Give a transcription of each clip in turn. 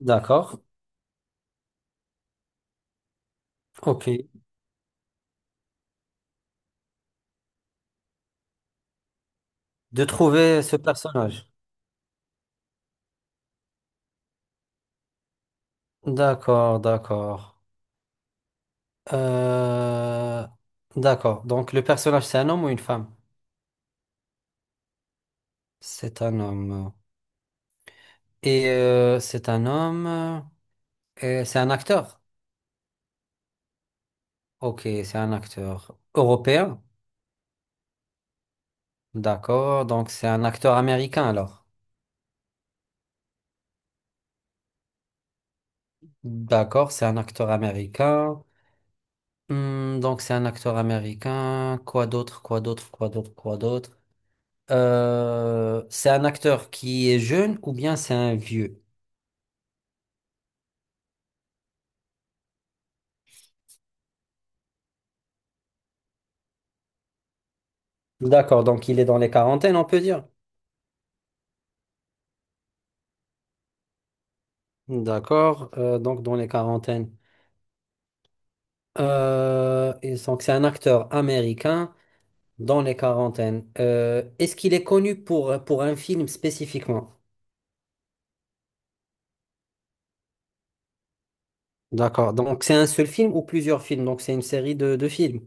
D'accord. Ok. De trouver ce personnage. D'accord, d'accord. Euh, D'accord. Donc le personnage, c'est un homme ou une femme? C'est un homme. Et c'est un homme. Et c'est un acteur. Ok, c'est un acteur européen. D'accord. Donc c'est un acteur américain alors. D'accord, c'est un acteur américain. Hmm, donc c'est un acteur américain. Quoi d'autre? Quoi d'autre? Quoi d'autre? Quoi d'autre? C'est un acteur qui est jeune ou bien c'est un vieux? D'accord, donc il est dans les quarantaines, on peut dire. D'accord, donc dans les quarantaines. Et donc c'est un acteur américain dans les quarantaines. Est-ce qu'il est connu pour un film spécifiquement? D'accord, donc c'est un seul film ou plusieurs films? Donc c'est une série de films.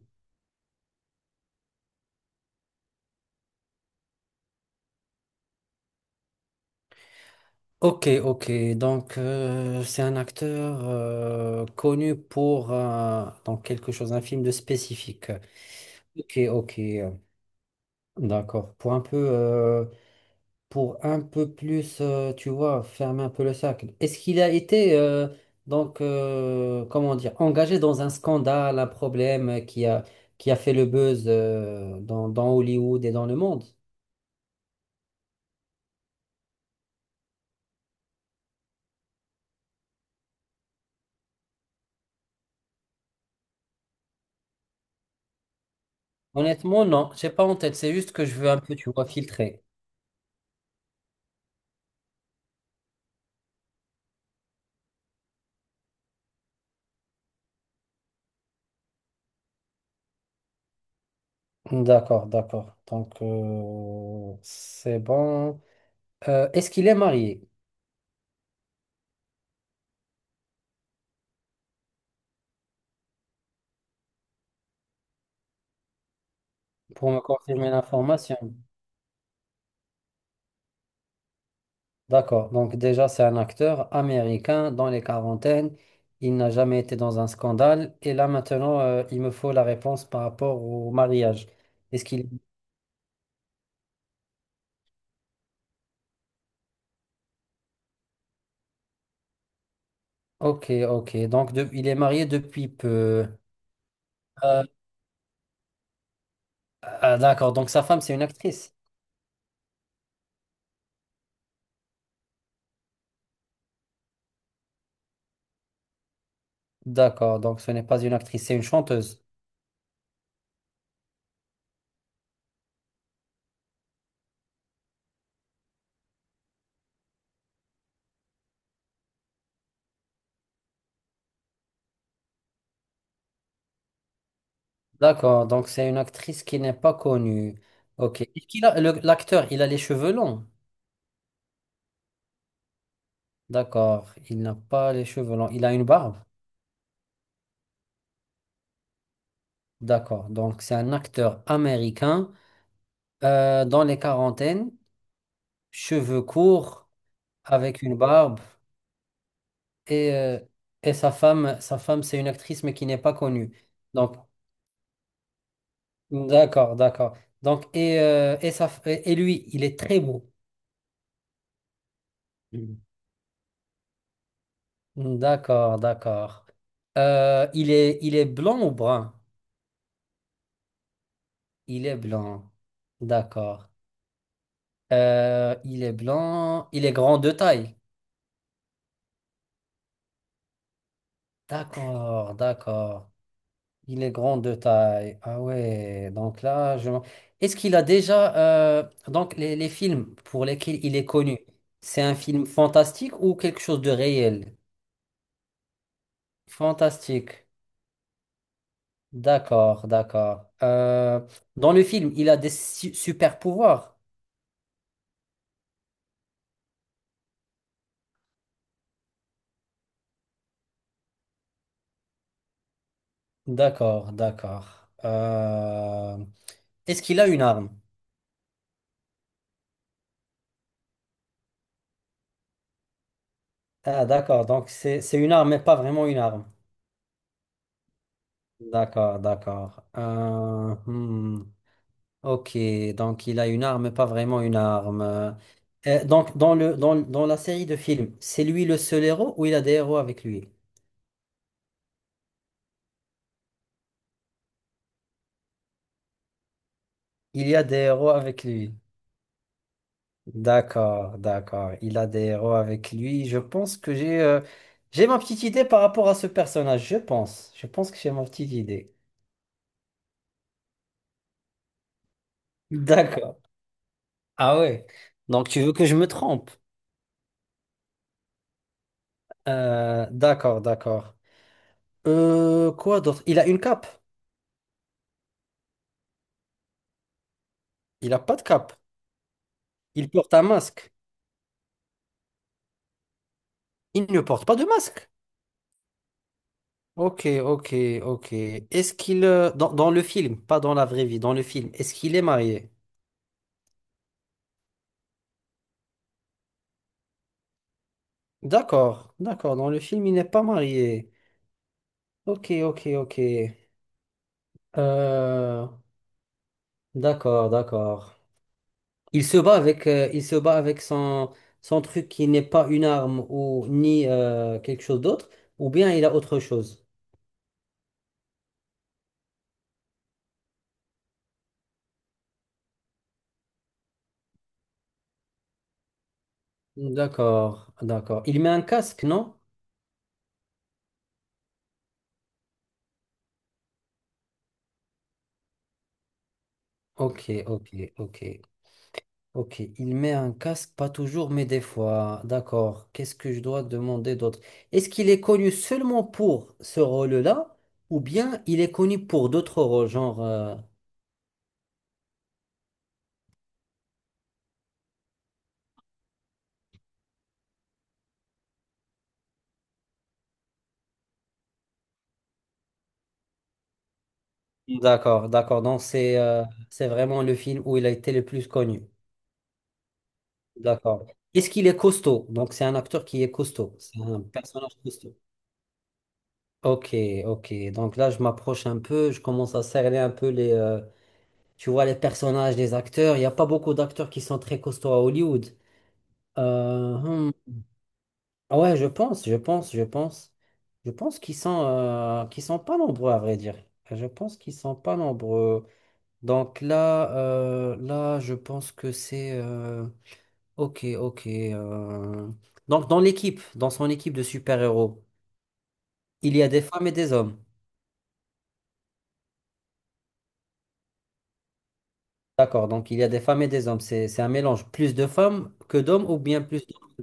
Ok, ok. Donc, c'est un acteur connu pour donc quelque chose, un film de spécifique. Ok, ok. D'accord. Pour un peu plus, tu vois, fermer un peu le cercle. Est-ce qu'il a été donc, comment dire, engagé dans un scandale, un problème qui a fait le buzz dans Hollywood et dans le monde? Honnêtement, non. J'ai pas en tête. C'est juste que je veux un peu, tu vois, filtrer. D'accord, d'accord. Donc, c'est bon. Est-ce qu'il est marié? Pour me confirmer l'information. D'accord. Donc, déjà, c'est un acteur américain dans les quarantaines. Il n'a jamais été dans un scandale. Et là, maintenant, il me faut la réponse par rapport au mariage. Est-ce qu'il... Ok, ok. Donc, il est marié depuis peu. Euh, ah, d'accord. Donc, sa femme, c'est une actrice. D'accord. Donc, ce n'est pas une actrice, c'est une chanteuse. D'accord, donc c'est une actrice qui n'est pas connue. Ok. Et L'acteur, il a les cheveux longs. D'accord, il n'a pas les cheveux longs. Il a une barbe. D'accord, donc c'est un acteur américain dans les quarantaines, cheveux courts, avec une barbe. Et, euh, et sa femme, c'est une actrice mais qui n'est pas connue. Donc, d'accord, d'accord. Donc, et, et lui, il est très beau. D'accord, d'accord. Il est blanc ou brun? Il est blanc. D'accord. Il est blanc. Il est grand de taille. D'accord, d'accord. Il est grand de taille. Ah ouais, donc là, Est-ce qu'il a déjà... Donc, les films pour lesquels il est connu, c'est un film fantastique ou quelque chose de réel? Fantastique. D'accord, d'accord. Dans le film, il a des super pouvoirs. D'accord, d'accord. Est-ce qu'il a une arme? Ah, d'accord, donc c'est une arme, mais pas vraiment une arme. D'accord, d'accord. Ok, donc il a une arme, mais pas vraiment une arme. Donc dans dans la série de films, c'est lui le seul héros ou il a des héros avec lui? Il y a des héros avec lui. D'accord, d'accord. Il a des héros avec lui. Je pense que j'ai ma petite idée par rapport à ce personnage. Je pense. Je pense que j'ai ma petite idée. D'accord. Ah ouais. Donc tu veux que je me trompe. D'accord, d'accord. Quoi d'autre? Il a une cape. Il a pas de cape. Il porte un masque. Il ne porte pas de masque. Ok, ok, ok. Dans, dans le film, pas dans la vraie vie, dans le film, est-ce qu'il est marié? D'accord, d'accord. Dans le film, il n'est pas marié. Ok, ok, ok. Euh, d'accord, d'accord. Il se bat avec, il se bat avec son truc qui n'est pas une arme ou ni quelque chose d'autre, ou bien il a autre chose. D'accord, d'accord. Il met un casque, non? Ok, ok, ok, ok. Il met un casque, pas toujours, mais des fois. D'accord. Qu'est-ce que je dois demander d'autre? Est-ce qu'il est connu seulement pour ce rôle-là, ou bien il est connu pour d'autres rôles, D'accord, d'accord. Donc c'est vraiment le film où il a été le plus connu. D'accord. Est-ce qu'il est costaud? Donc, c'est un acteur qui est costaud. C'est un personnage costaud. Ok, ok. Donc là, je m'approche un peu. Je commence à cerner un peu tu vois, les personnages, les acteurs. Il n'y a pas beaucoup d'acteurs qui sont très costauds à Hollywood. Euh, hmm. Ah ouais, je pense. Je pense qu'ils sont pas nombreux, à vrai dire. Je pense qu'ils sont pas nombreux. Donc là, je pense que Ok, ok. Donc dans l'équipe, dans son équipe de super-héros, il y a des femmes et des hommes. D'accord, donc il y a des femmes et des hommes. C'est un mélange. Plus de femmes que d'hommes ou bien plus d'hommes.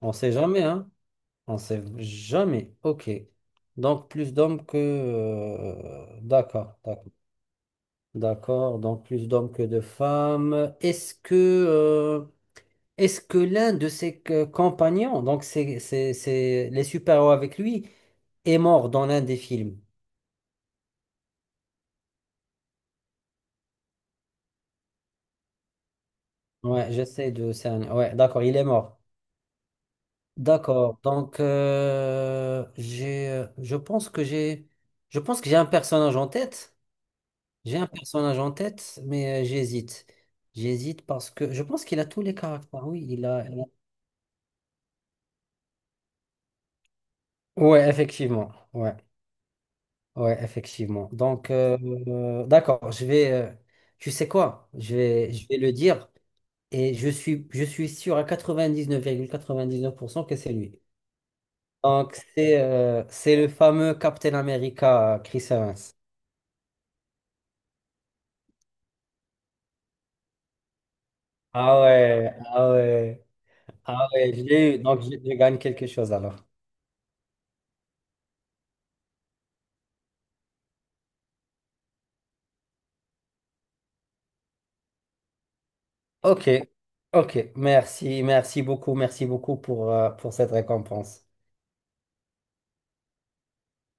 On sait jamais, hein? On sait jamais. Ok. Donc plus d'hommes D'accord, d'accord. D'accord, donc plus d'hommes que de femmes. Est-ce que l'un de ses compagnons, donc c'est les super-héros avec lui, est mort dans l'un des films? Ouais, j'essaie de cerner. Ouais, d'accord, il est mort. D'accord. Donc j'ai je pense que j'ai un personnage en tête. J'ai un personnage en tête, mais j'hésite. J'hésite parce que je pense qu'il a tous les caractères. Oui, il a- Ouais, effectivement. Ouais. Ouais, effectivement. Donc d'accord, je vais tu sais quoi? Je vais le dire et je suis sûr à 99,99% que c'est lui. Donc, c'est le fameux Captain America, Chris Evans. Ah ouais, ah ouais, ah ouais, je l'ai eu. Donc, je gagne quelque chose alors. Ok, ok, merci beaucoup pour cette récompense.